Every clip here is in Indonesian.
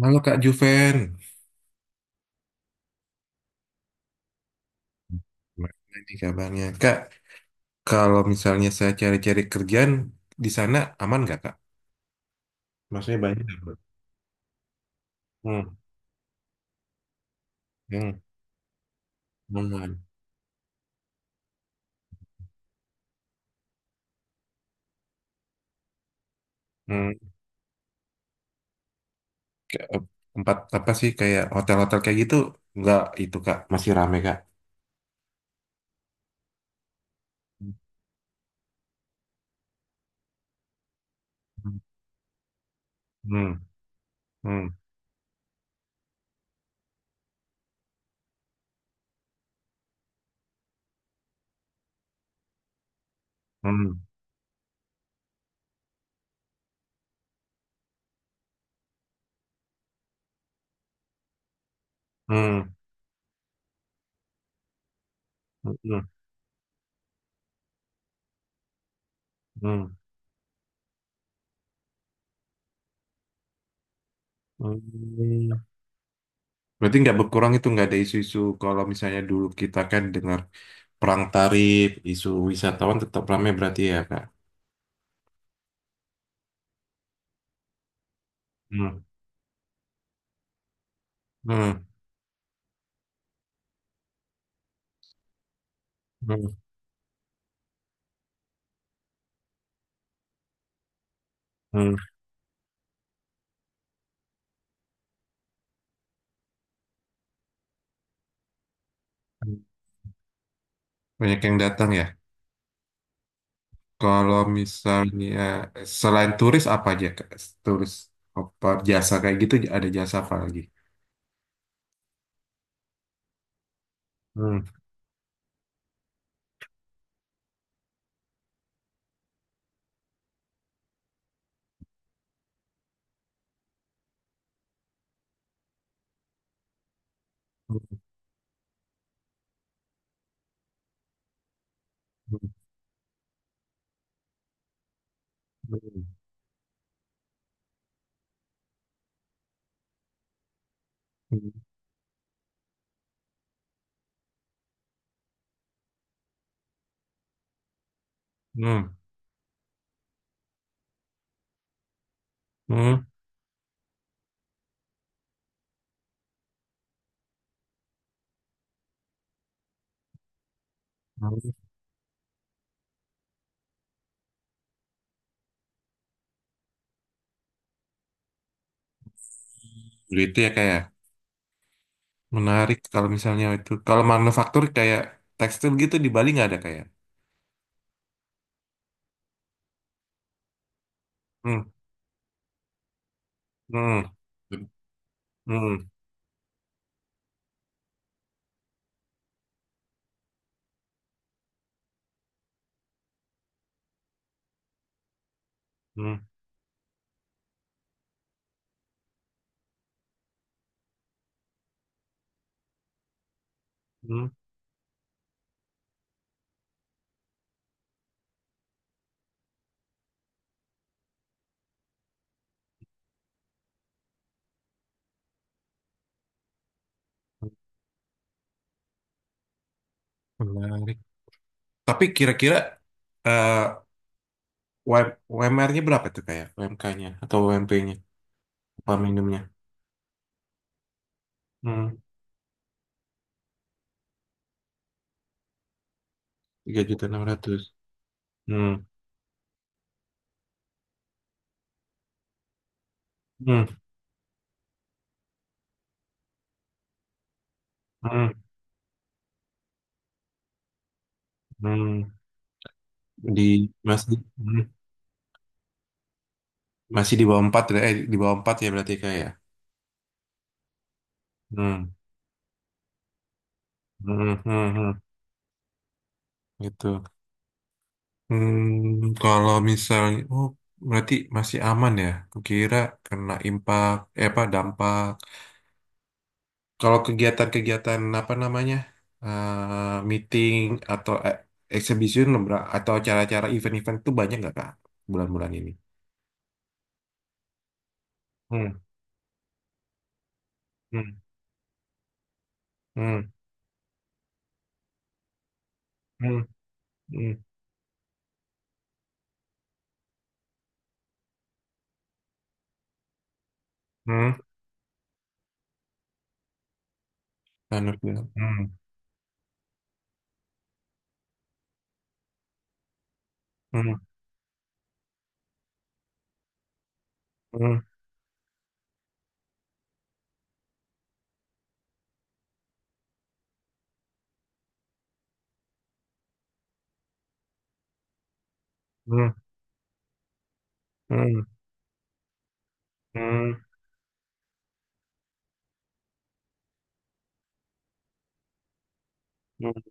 Halo Kak Juven, gimana nih kabarnya? Kak, kalau misalnya saya cari-cari kerjaan di sana aman nggak Kak? Maksudnya banyak nggak, Bro? Hmm. Hmm. Aman. Hmm, Kayak, tempat apa sih kayak hotel-hotel kayak gitu? Nggak itu Kak, masih rame Kak. Hmm. Hmm. Hmm. Hmm. Hmm. Hmm. Hmm. Hmm. Berarti nggak berkurang itu, nggak ada isu-isu? Kalau misalnya dulu kita kan dengar perang tarif, isu wisatawan tetap ramai berarti ya Kak? Hmm. Hmm. Hmm. Hmm. Banyak yang datang ya. Kalau misalnya selain turis apa aja, Kak? Turis apa jasa kayak gitu, ada jasa apa lagi? Hmm. Hmm. Hmm. Hmm. Hmm. Hmm. Hmm. Gitu ya, kayak menarik kalau misalnya itu. Kalau manufaktur kayak tekstil gitu di Bali nggak ada kayak? Hmm. Hmm. Hmm. Hmm. Hmm. Hmm. Menarik. Tapi kira-kira eh, UMR-nya berapa tuh, kayak UMK-nya atau UMP-nya, upah minimumnya? Hmm, 3.600. Hmm. Hmm. Hmm. Hmm. Di masih hmm, masih di bawah 4, di bawah 4 ya, berarti kayak, ya? Hmm. Hmm. Hmm. Hmm. Gitu. Kalau misalnya, oh, berarti masih aman ya. Kukira kena impact, eh, apa, dampak. Kalau kegiatan-kegiatan apa namanya, meeting atau exhibition, atau acara-acara, event-event itu banyak nggak kak, bulan-bulan ini? Hmm. Hmm. Hmm. Hmm. Hmm. Hmm. Anak bilang, Hmm. Hmm. Hmm. Hmm. Hmm. Hmm. Hmm.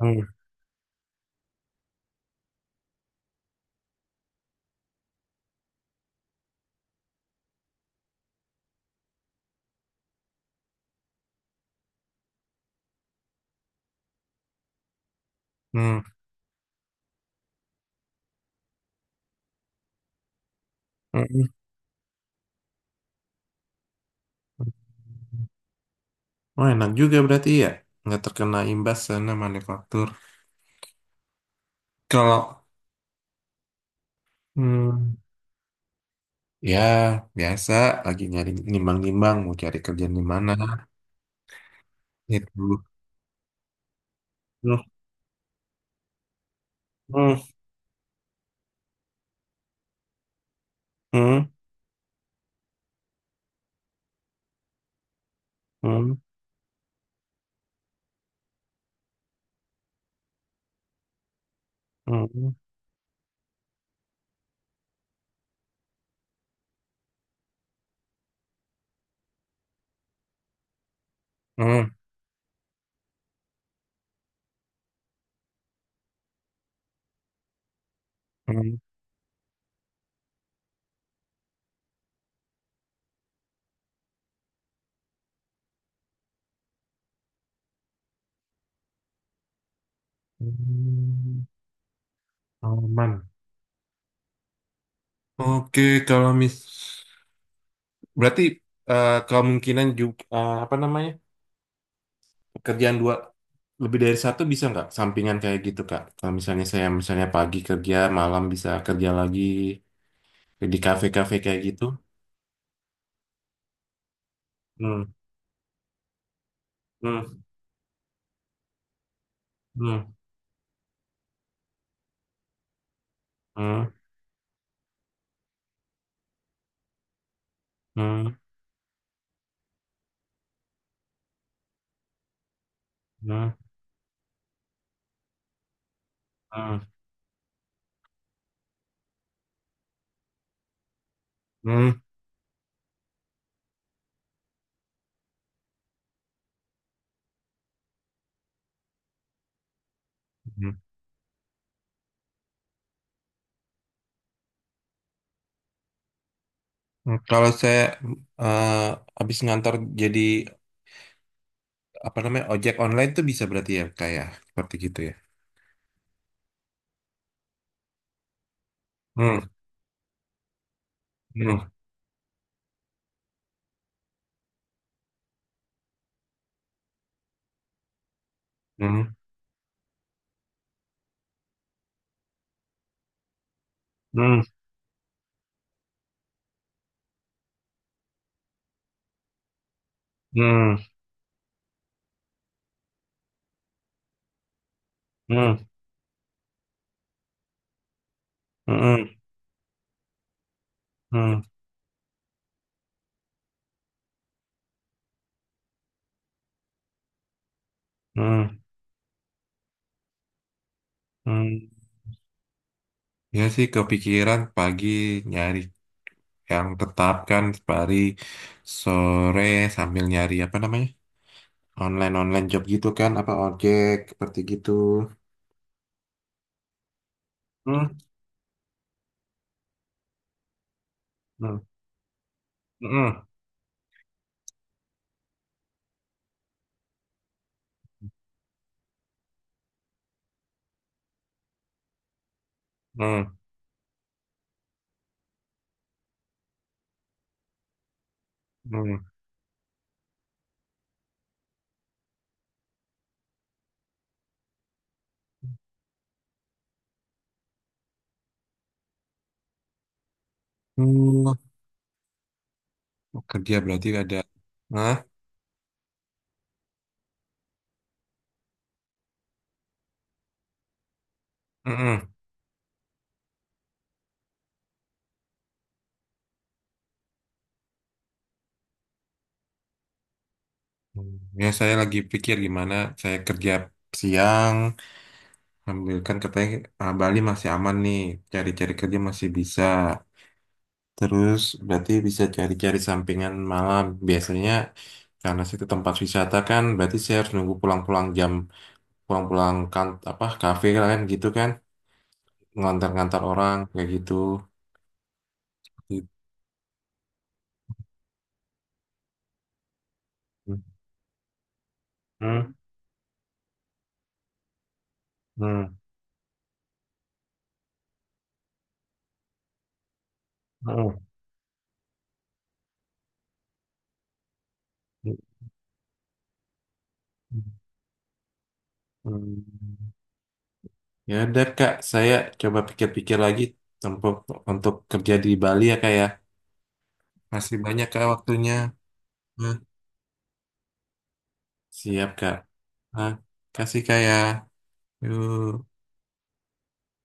Hmm. Hmm. Hmm. Oh, enak juga berarti ya, nggak terkena imbas sana manufaktur. Kalau hmm, ya biasa, lagi nyari, nimbang-nimbang mau cari kerjaan di mana itu. Hmm. Hmm. Hmm. Hmm. Hmm. Hmm. Hmm. Aman. Oke, kalau mis, berarti kemungkinan juga, apa namanya, pekerjaan dua, lebih dari satu, bisa nggak sampingan kayak gitu Kak? Kalau misalnya saya, misalnya pagi kerja, malam bisa kerja lagi di kafe-kafe kayak gitu. Hmm. Hmm. Hmm. Hmm. Hmm. Hmm. Hmm. Hmm. Hmm. Kalau saya eh, habis ngantor, jadi apa namanya, ojek online tuh bisa berarti ya, kayak seperti gitu ya. Hmm. Hmm. Hmm. Hmm. Hmm. Hmm. Hmm. Hmm. Hmm. Hmm. Ya sih, kepikiran pagi nyari yang tetap kan, pari sore sambil nyari, apa namanya, online online job gitu kan, apa ojek seperti gitu. Hmm. Hmm. Hmm. Hmm. Hmm. Hmm, Kerja berarti ada. Hah? Hmm. Hmm. Hmm, Ya, saya lagi pikir gimana saya kerja siang, ambil, kan katanya, ah, Bali masih aman nih, cari-cari kerja masih bisa. Terus berarti bisa cari-cari sampingan malam. Biasanya karena situ tempat wisata kan, berarti saya harus nunggu pulang-pulang jam, pulang-pulang kan apa, kafe kan gitu kan, ngantar-ngantar orang kayak gitu. Gitu. Hmm. Hmm. Hmm. Hmm. Ya udah Kak, saya coba pikir-pikir lagi untuk untuk kerja di Bali ya Kak ya. Masih banyak Kak waktunya. Nah, siap Kak. Nah, kasih Kak ya. Yuk.